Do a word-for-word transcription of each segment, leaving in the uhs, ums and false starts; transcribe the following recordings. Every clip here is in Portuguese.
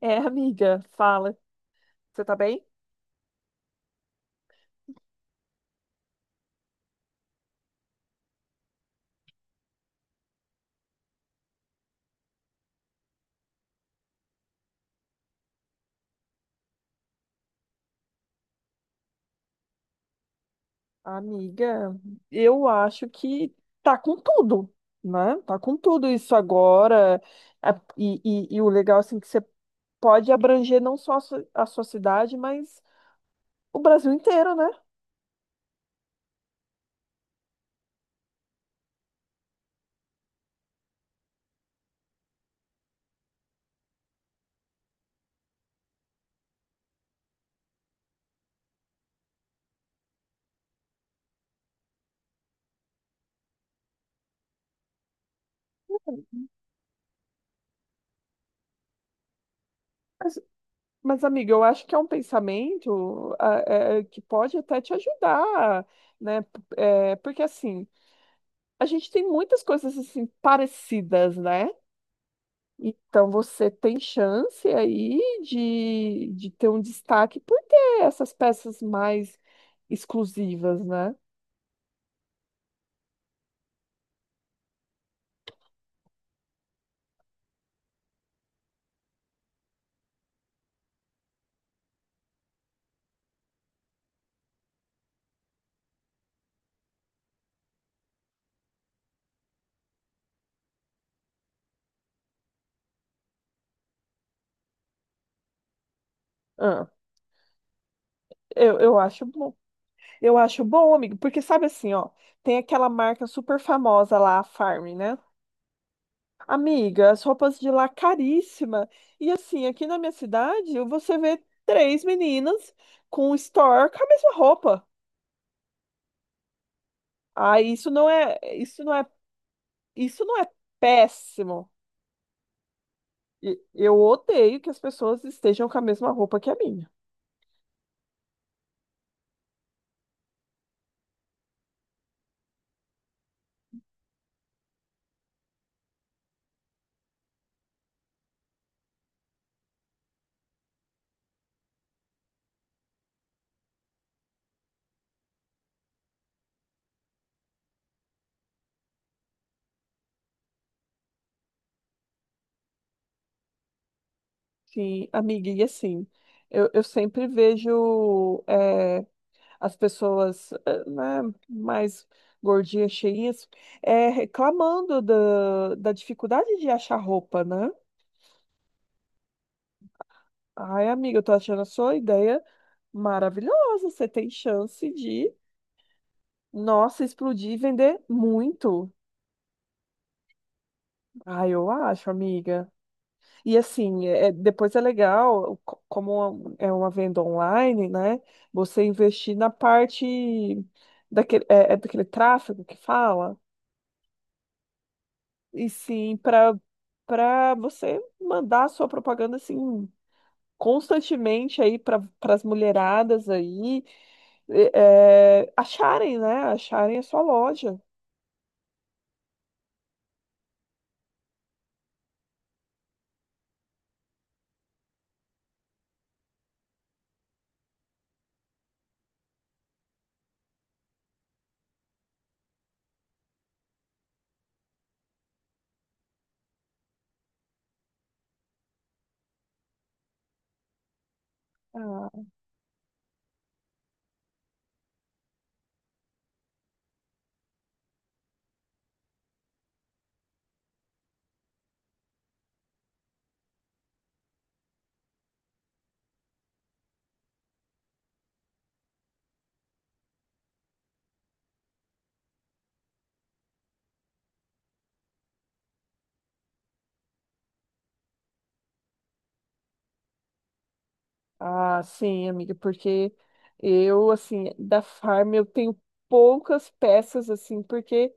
É, amiga, fala. Você tá bem? Amiga, eu acho que tá com tudo, né? Tá com tudo isso agora. A- E, e, e o legal, assim, que você pode abranger não só a su- a sua cidade, mas o Brasil inteiro, né? Mas, mas, amiga, eu acho que é um pensamento ah, eh, que pode até te ajudar, né? P- eh, porque assim, a gente tem muitas coisas assim parecidas, né? Então você tem chance aí de, de ter um destaque por ter essas peças mais exclusivas, né? Ah, eu, eu acho Eu acho bom, amigo, porque sabe assim, ó, tem aquela marca super famosa lá, a Farm, né? Amiga, as roupas de lá caríssima. E assim, aqui na minha cidade, você vê três meninas com um store com a mesma roupa. Ah, isso não é, isso não é, isso não é péssimo. E- Eu odeio que as pessoas estejam com a mesma roupa que a minha. Sim, amiga, e assim, eu, eu sempre vejo. Eh, as pessoas, eh, né, mais gordinhas, cheinhas, é, reclamando da, da dificuldade de achar roupa, né? Ai, amiga, eu tô achando a sua ideia maravilhosa. Você tem chance de, nossa, explodir e vender muito. Ai, eu acho, amiga. E assim, é- é, depois é legal, co- como é um, é uma venda online, né? Você investir na parte daquele, é é daquele tráfego que fala. E sim, para para você mandar a sua propaganda assim constantemente aí para as mulheradas aí e- é, acharem, né? Acharem a sua loja. Ah, ah, sim, amiga, porque eu assim da Farm eu tenho poucas peças assim, porque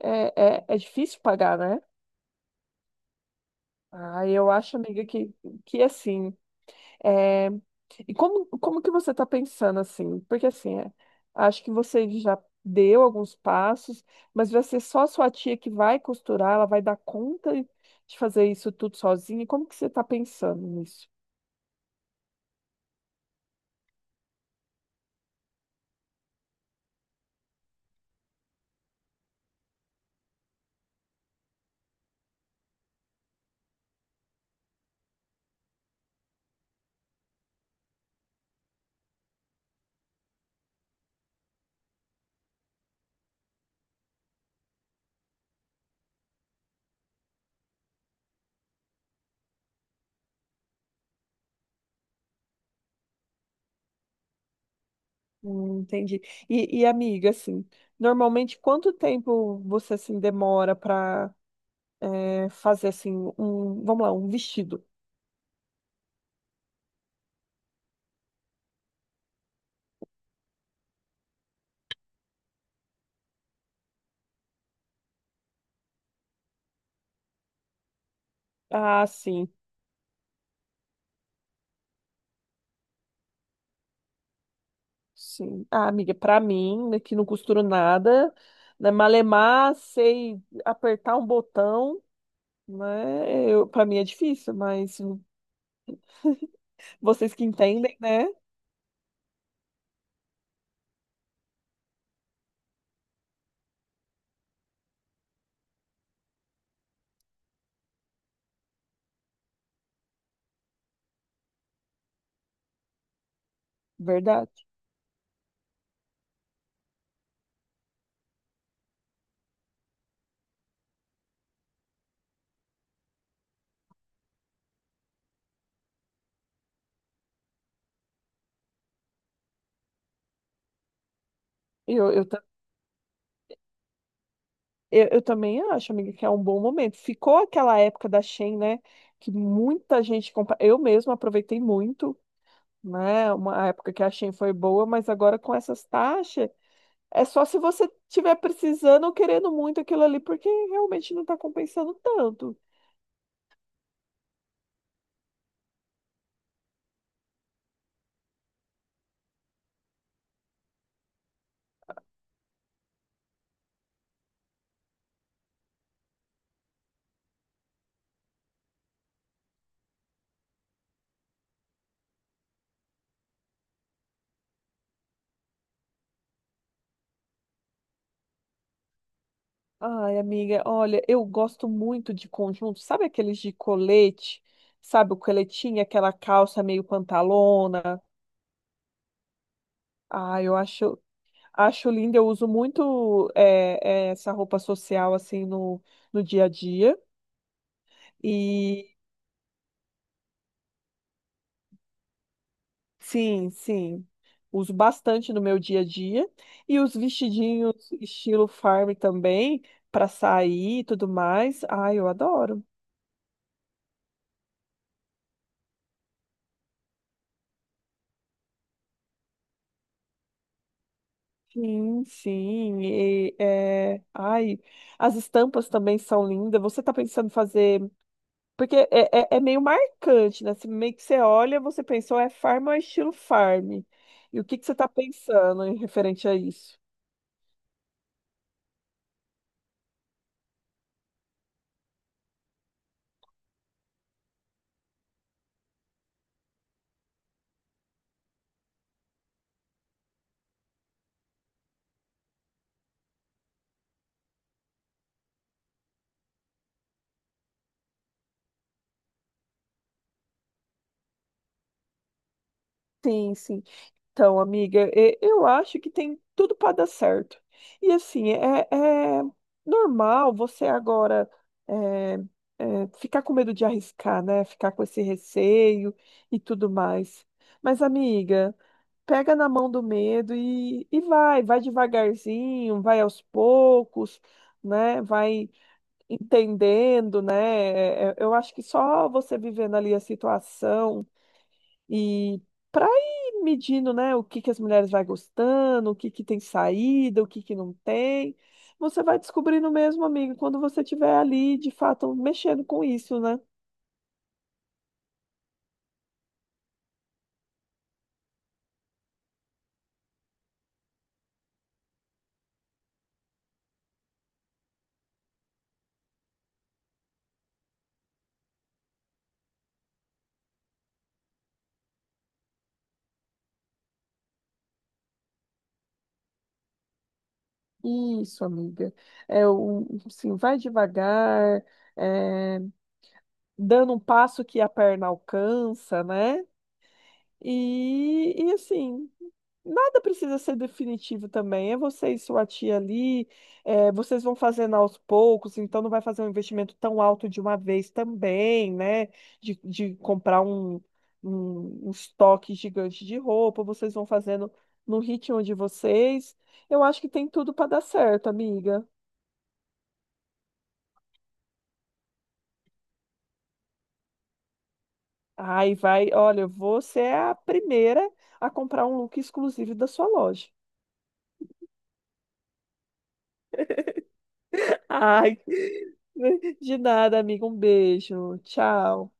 é, é, é difícil pagar, né? Ah, eu acho, amiga, que, que assim É, e como, como que você está pensando assim? Porque assim, é, acho que você já deu alguns passos, mas vai ser só a sua tia que vai costurar, ela vai dar conta de fazer isso tudo sozinha. Como que você está pensando nisso? Hum, entendi. E, e, amiga, assim, normalmente quanto tempo você assim demora para fazer assim um, vamos lá, um vestido? Ah, sim. Sim. Ah, amiga, pra mim, né, que não costuro nada, né, malemar, sei apertar um botão, né? Eu, para mim é difícil, mas vocês que entendem, né? Verdade. Eu, eu, ta- eu, eu também acho, amiga, que é um bom momento. Ficou aquela época da Shein, né? Que muita gente compra. Eu mesma aproveitei muito, né? Uma época que a Shein foi boa, mas agora com essas taxas, é só se você estiver precisando ou querendo muito aquilo ali, porque realmente não está compensando tanto. Ai, amiga, olha, eu gosto muito de conjunto, sabe aqueles de colete? Sabe o coletinho, aquela calça meio pantalona? Ah, eu acho, acho lindo, eu uso muito é, é, essa roupa social assim no, no dia a dia. E sim, sim, uso bastante no meu dia a dia. E os vestidinhos estilo farm também, para sair e tudo mais. Ai, eu adoro. Sim, sim. E, é... Ai, as estampas também são lindas. Você tá pensando em fazer. Porque é, é, é meio marcante, né? Você, meio que você olha, você pensou, é farm ou é estilo farm? E o que que você tá pensando em referente a isso? Sim, sim. Então, amiga, e- eu acho que tem tudo para dar certo. E assim, é, é normal você agora é, é, ficar com medo de arriscar, né? Ficar com esse receio e tudo mais. Mas, amiga, pega na mão do medo e, e vai, vai devagarzinho, vai aos poucos, né? Vai entendendo, né? É, é, eu acho que só você vivendo ali a situação e para ir medindo, né, o que que as mulheres vai gostando, o que que tem saída, o que que não tem, você vai descobrindo mesmo, amiga, quando você estiver ali, de fato, mexendo com isso, né? Isso, amiga. É, o, assim, vai devagar, é, dando um passo que a perna alcança, né? E, e assim, nada precisa ser definitivo também. É você e sua tia ali, é, vocês vão fazendo aos poucos, então não vai fazer um investimento tão alto de uma vez também, né? De, de comprar um, um, um estoque gigante de roupa, vocês vão fazendo no ritmo de vocês. Eu acho que tem tudo para dar certo, amiga. Ai, vai, olha, você é a primeira a comprar um look exclusivo da sua loja. Ai, de nada, amiga. Um beijo. Tchau.